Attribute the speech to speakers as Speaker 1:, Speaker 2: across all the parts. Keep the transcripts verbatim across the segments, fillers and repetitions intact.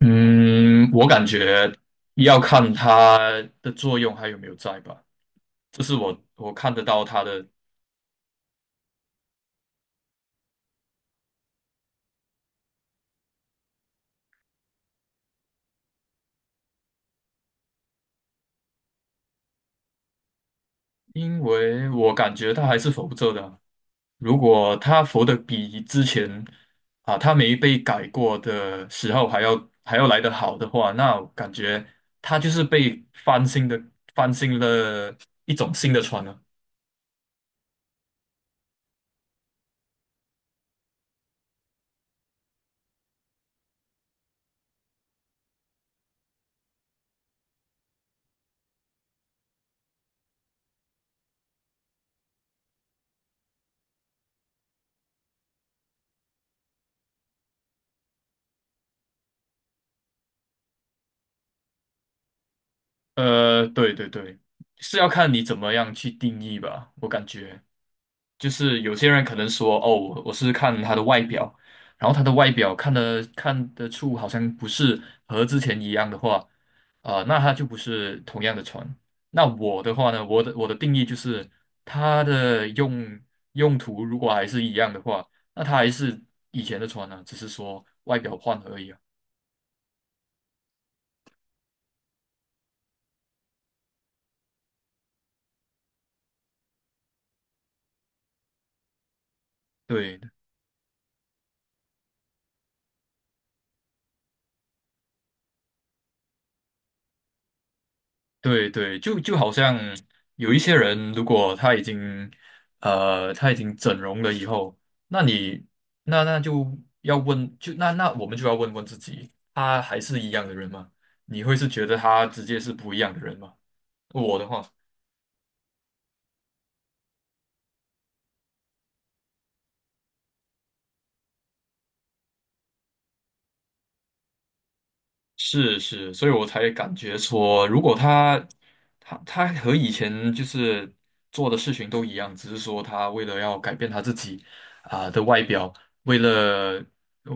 Speaker 1: 嗯，我感觉要看它的作用还有没有在吧，这是我我看得到它的，因为我感觉它还是浮着的啊。如果它浮的比之前啊它没被改过的时候还要还要来得好的话，那我感觉它就是被翻新的翻新了一种新的船了。呃，对对对，是要看你怎么样去定义吧，我感觉。就是有些人可能说，哦，我我是看他的外表，然后他的外表看得看得出好像不是和之前一样的话，啊、那他就不是同样的船。那我的话呢，我的我的定义就是它的用用途如果还是一样的话，那它还是以前的船呢、只是说外表换了而已啊。对，对对，就就好像有一些人，如果他已经呃他已经整容了以后，那你那那就要问，就那那我们就要问问自己，他还是一样的人吗？你会是觉得他直接是不一样的人吗？我的话。是是，所以我才感觉说，如果他他他和以前就是做的事情都一样，只是说他为了要改变他自己啊、的外表，为了呃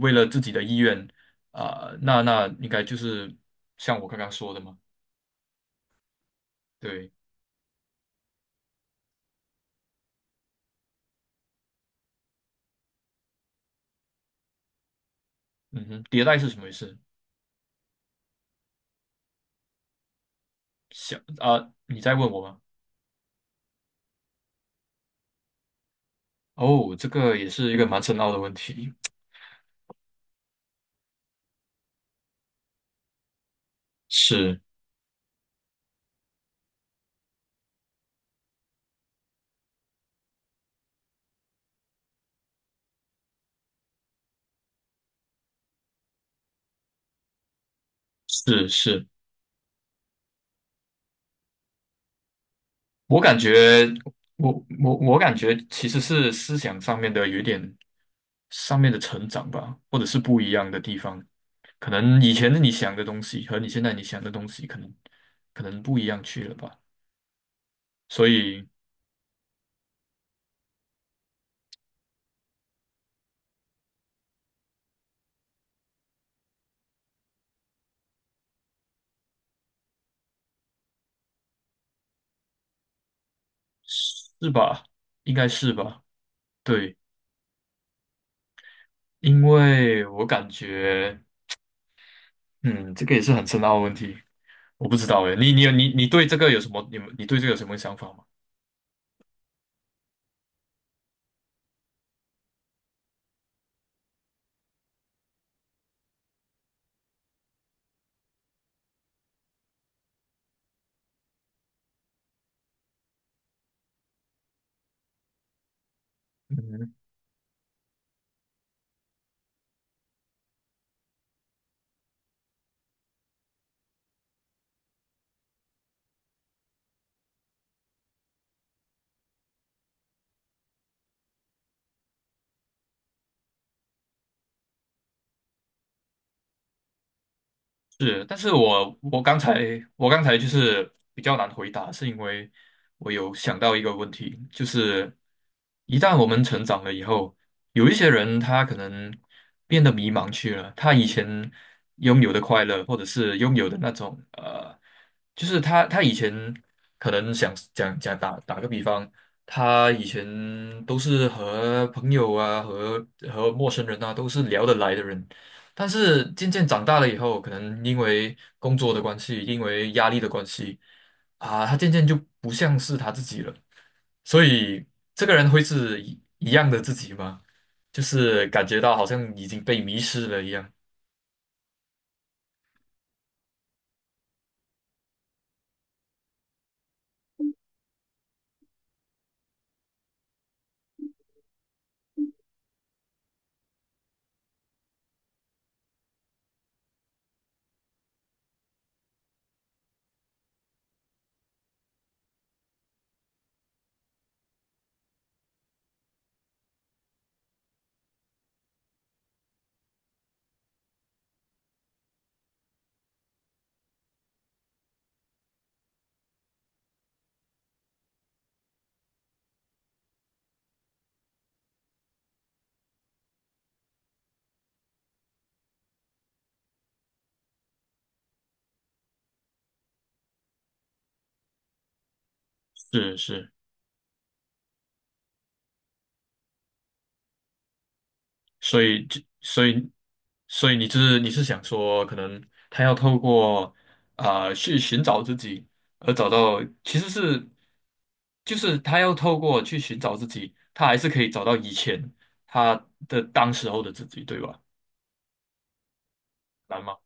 Speaker 1: 为了自己的意愿啊、那那应该就是像我刚刚说的嘛，对，嗯哼，迭代是什么意思？想啊、你在问我吗？哦，这个也是一个蛮深奥的问题，是是是，我感觉，我我我感觉其实是思想上面的有一点上面的成长吧，或者是不一样的地方。可能以前你想的东西和你现在你想的东西，可能可能不一样去了吧。所以是吧？应该是吧？对，因为我感觉，嗯，这个也是很深奥的问题，我不知道诶。你你有你你对这个有什么？你们你对这个有什么想法吗？嗯。是，但是我我刚才我刚才就是比较难回答，是因为我有想到一个问题，就是一旦我们成长了以后，有一些人他可能变得迷茫去了，他以前拥有的快乐，或者是拥有的那种呃，就是他他以前可能想讲讲打打个比方，他以前都是和朋友啊和和陌生人啊都是聊得来的人。但是渐渐长大了以后，可能因为工作的关系，因为压力的关系啊，他渐渐就不像是他自己了。所以这个人会是一一样的自己吗？就是感觉到好像已经被迷失了一样。是是，所以就所以所以你是你是想说，可能他要透过啊、呃去寻找自己，而找到其实是就是他要透过去寻找自己，他还是可以找到以前他的当时候的自己，对吧？难吗？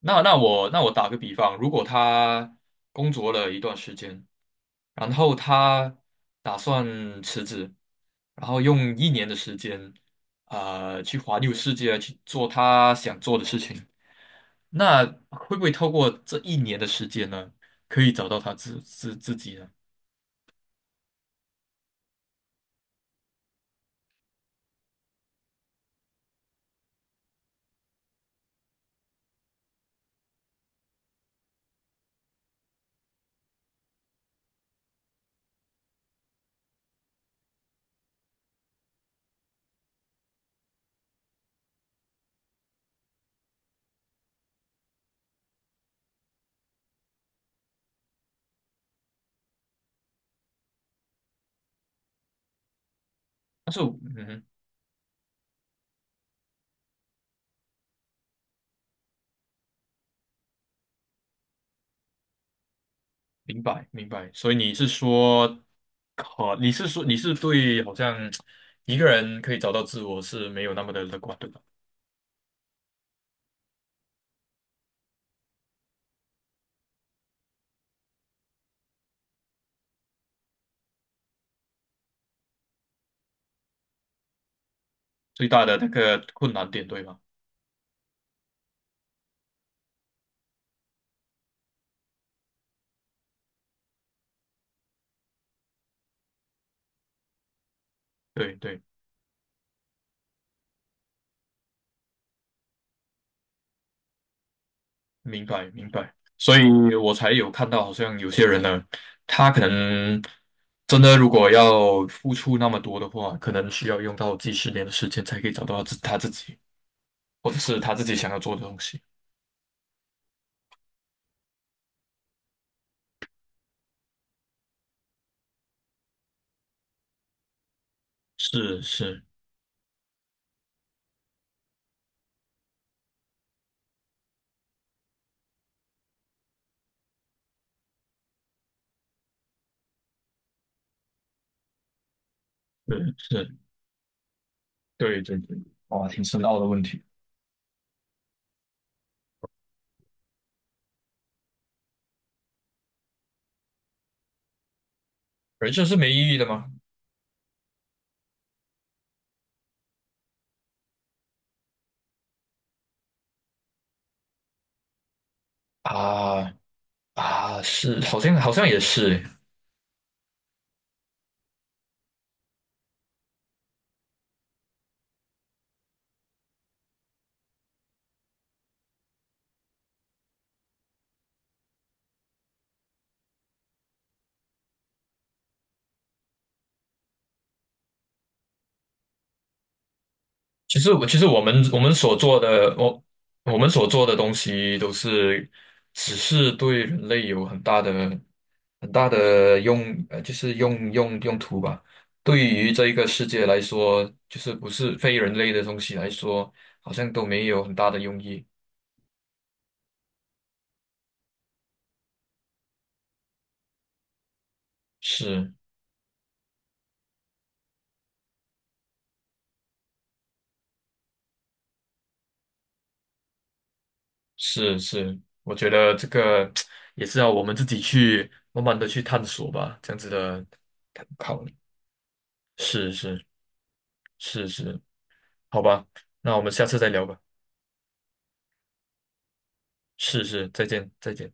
Speaker 1: 那那我那我打个比方，如果他工作了一段时间，然后他打算辞职，然后用一年的时间，呃，去环游世界，去做他想做的事情。那会不会透过这一年的时间呢，可以找到他自自自己呢？但是我嗯哼，明白明白。所以你是说，可你是说你是对好像一个人可以找到自我是没有那么的乐观，对吧？最大的那个困难点，对吗？对对。明白明白，所以我才有看到，好像有些人呢，他可能真的如果要付出那么多的话，可能需要用到几十年的时间才可以找到自他自己，或者是他自己想要做的东西。是是是是，对对对，哇，挺深奥的问题。人生是没意义的吗？啊啊，是，好像好像也是欸。其实，我其实我们我们所做的，我我们所做的东西都是，只是对人类有很大的、很大的用，呃，就是用用用途吧。对于这一个世界来说，就是不是非人类的东西来说，好像都没有很大的用意。是是是，我觉得这个 也是要我们自己去慢慢的去探索吧，这样子的考虑。是是是是，好吧，那我们下次再聊吧。是是，再见再见。